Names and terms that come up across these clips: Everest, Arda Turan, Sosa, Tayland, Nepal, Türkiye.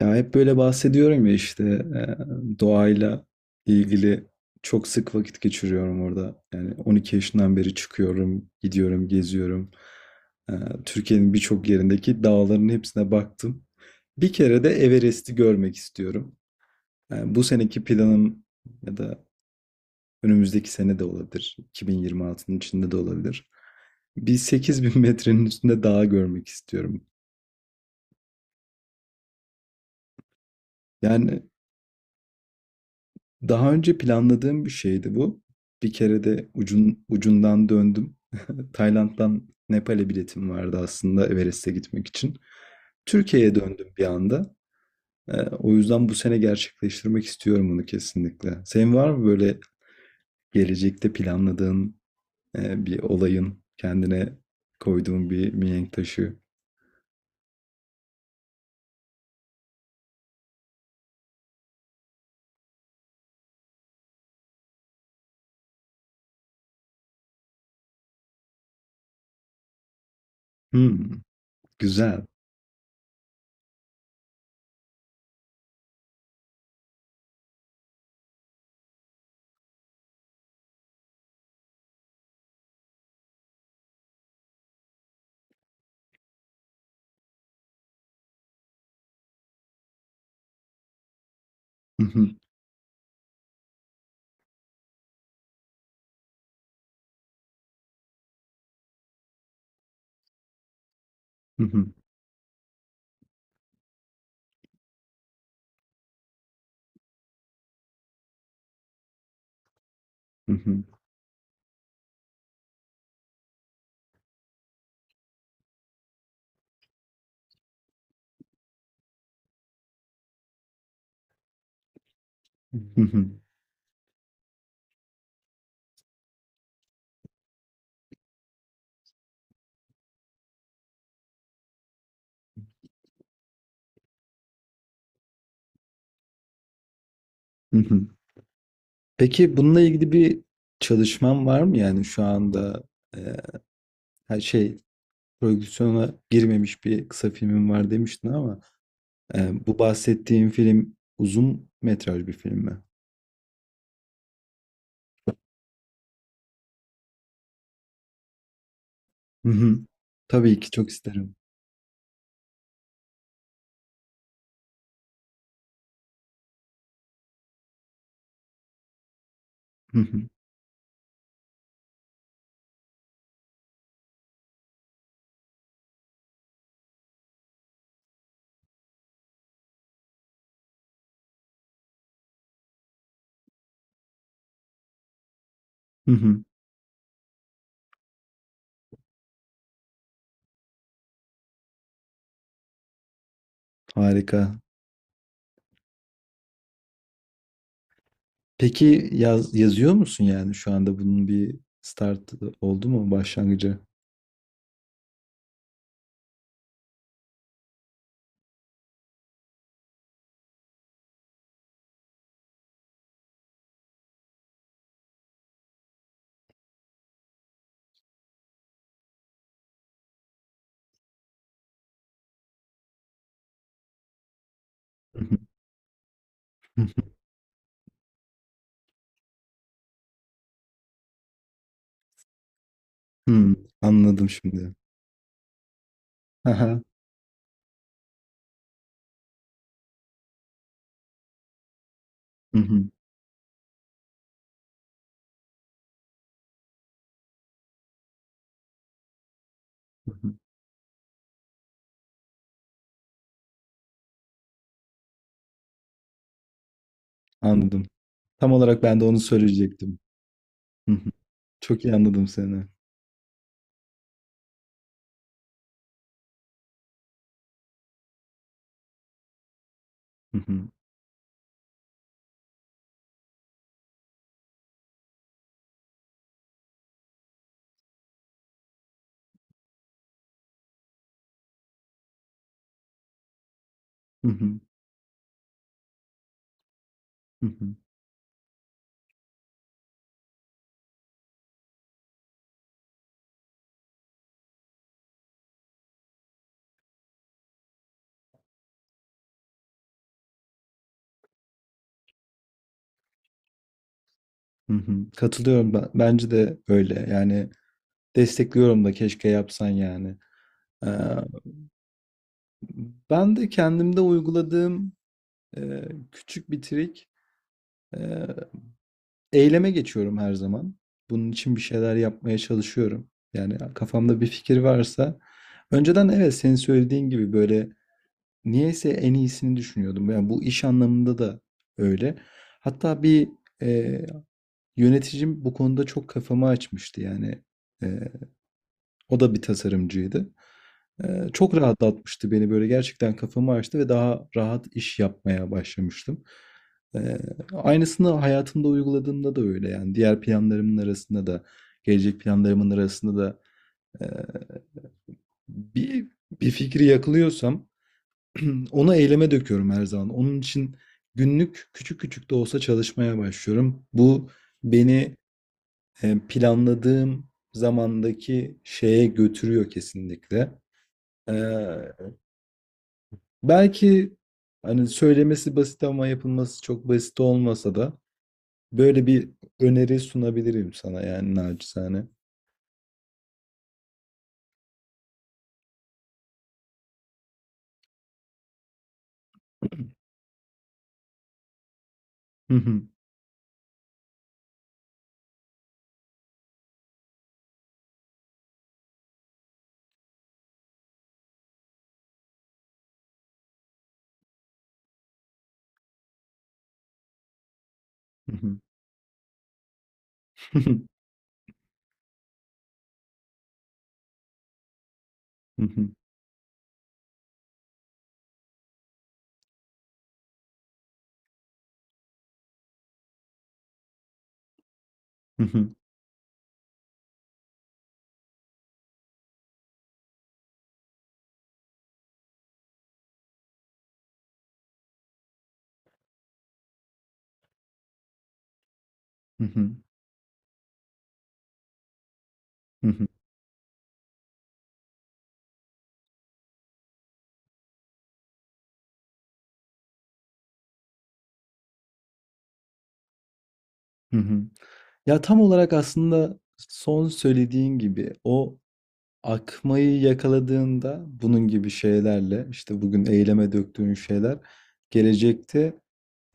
Ya hep böyle bahsediyorum ya işte doğayla ilgili çok sık vakit geçiriyorum orada. Yani 12 yaşından beri çıkıyorum, gidiyorum, geziyorum. E, Türkiye'nin birçok yerindeki dağların hepsine baktım. Bir kere de Everest'i görmek istiyorum. Yani bu seneki planım ya da önümüzdeki sene de olabilir. 2026'nın içinde de olabilir. Bir 8.000 metrenin üstünde dağ görmek istiyorum. Yani Daha önce planladığım bir şeydi bu. Bir kere de ucundan döndüm. Tayland'dan Nepal'e biletim vardı aslında Everest'e gitmek için. Türkiye'ye döndüm bir anda. O yüzden bu sene gerçekleştirmek istiyorum bunu kesinlikle. Senin var mı böyle gelecekte planladığın bir kendine koyduğun bir mihenk taşı? Hmm, güzel. Peki bununla ilgili bir çalışman var mı? Yani şu anda e, her şey prodüksiyona girmemiş bir kısa filmin var demiştin ama bu bahsettiğin film uzun metraj bir film mi? Hı hı. Tabii ki çok isterim. Hı hı. Hı hı. Harika. Peki yazıyor musun yani şu anda bunun bir start oldu mu başlangıcı? Hı hı. Hı hı. Hmm, anladım şimdi. Aha. Hı hı. Hı hı. Anladım. Tam olarak ben de onu söyleyecektim. Hı hı. Çok iyi anladım seni. Hı hı. Hı hı. Hı hı. Hı hı. Katılıyorum ben. Bence de öyle. Yani destekliyorum da keşke yapsan yani. Eee, Ben de kendimde uyguladığım küçük bir trik. eee, Eyleme geçiyorum her zaman. Bunun için bir şeyler yapmaya çalışıyorum. Yani kafamda bir fikir varsa önceden evet senin söylediğin gibi böyle niyeyse en iyisini düşünüyordum. Yani bu iş anlamında da öyle. Hatta e, yöneticim bu konuda çok kafamı açmıştı yani. Ee, O da bir tasarımcıydı. Çok rahatlatmıştı beni böyle gerçekten kafamı açtı ve daha rahat iş yapmaya başlamıştım. Ee, Aynısını hayatımda uyguladığımda da öyle yani diğer planlarımın arasında da gelecek planlarımın arasında da e, bir bir fikri yakalıyorsam onu eyleme döküyorum her zaman. Onun için günlük küçük küçük de olsa çalışmaya başlıyorum. Bu beni planladığım zamandaki şeye götürüyor kesinlikle. Ee, Belki hani söylemesi basit ama yapılması çok basit olmasa da böyle bir öneri sunabilirim sana yani naçizane. Ya tam olarak aslında son söylediğin gibi o akmayı yakaladığında bunun gibi şeylerle işte bugün eyleme döktüğün şeyler gelecekte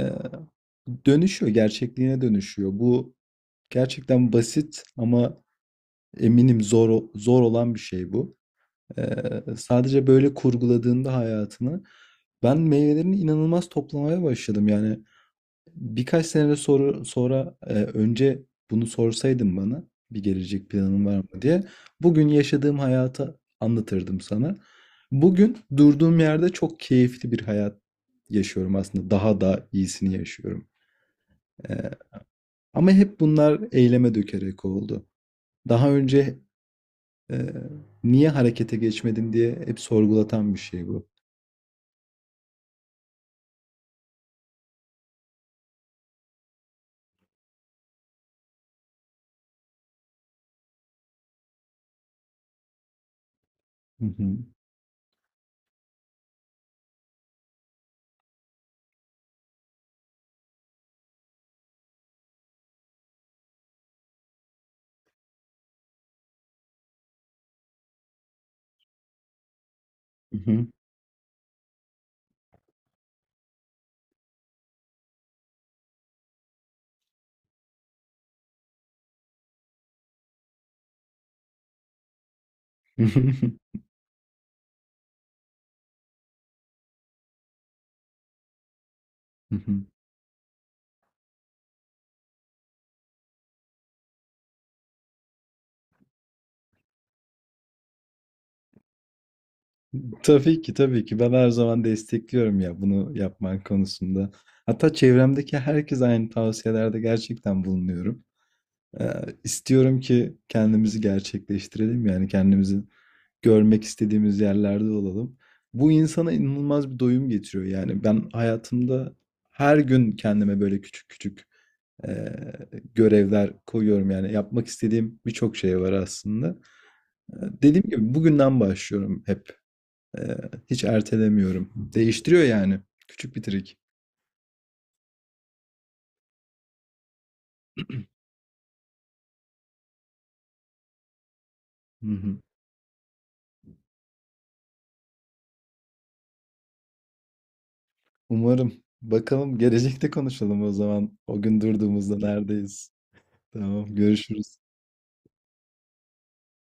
Ee, dönüşüyor, gerçekliğine dönüşüyor. Bu gerçekten basit ama eminim zor olan bir şey bu. Ee, Sadece böyle kurguladığında hayatını ben meyvelerini inanılmaz toplamaya başladım. Yani birkaç sene sonra önce bunu sorsaydın bana bir gelecek planın var mı diye bugün yaşadığım hayatı anlatırdım sana. Bugün durduğum yerde çok keyifli bir hayat yaşıyorum aslında. Daha da iyisini yaşıyorum. Ama hep bunlar eyleme dökerek oldu. Daha önce e, niye harekete geçmedim diye hep sorgulatan bir şey bu. Hı hı. Hı hı. Hı hı. Hı hı. Tabii ki, tabii ki ben her zaman destekliyorum ya bunu yapman konusunda. Hatta çevremdeki herkes aynı tavsiyelerde gerçekten bulunuyorum. İstiyorum ki kendimizi gerçekleştirelim. Yani kendimizi görmek istediğimiz yerlerde olalım. Bu insana inanılmaz bir doyum getiriyor. Yani ben hayatımda her gün kendime böyle küçük küçük eee, görevler koyuyorum. Yani yapmak istediğim birçok şey var aslında. Dediğim gibi bugünden başlıyorum hep. Eee, Hiç ertelemiyorum. Değiştiriyor yani. Küçük bir trik. Hı hı. Umarım. Bakalım gelecekte konuşalım o zaman. O gün durduğumuzda neredeyiz? Tamam, görüşürüz.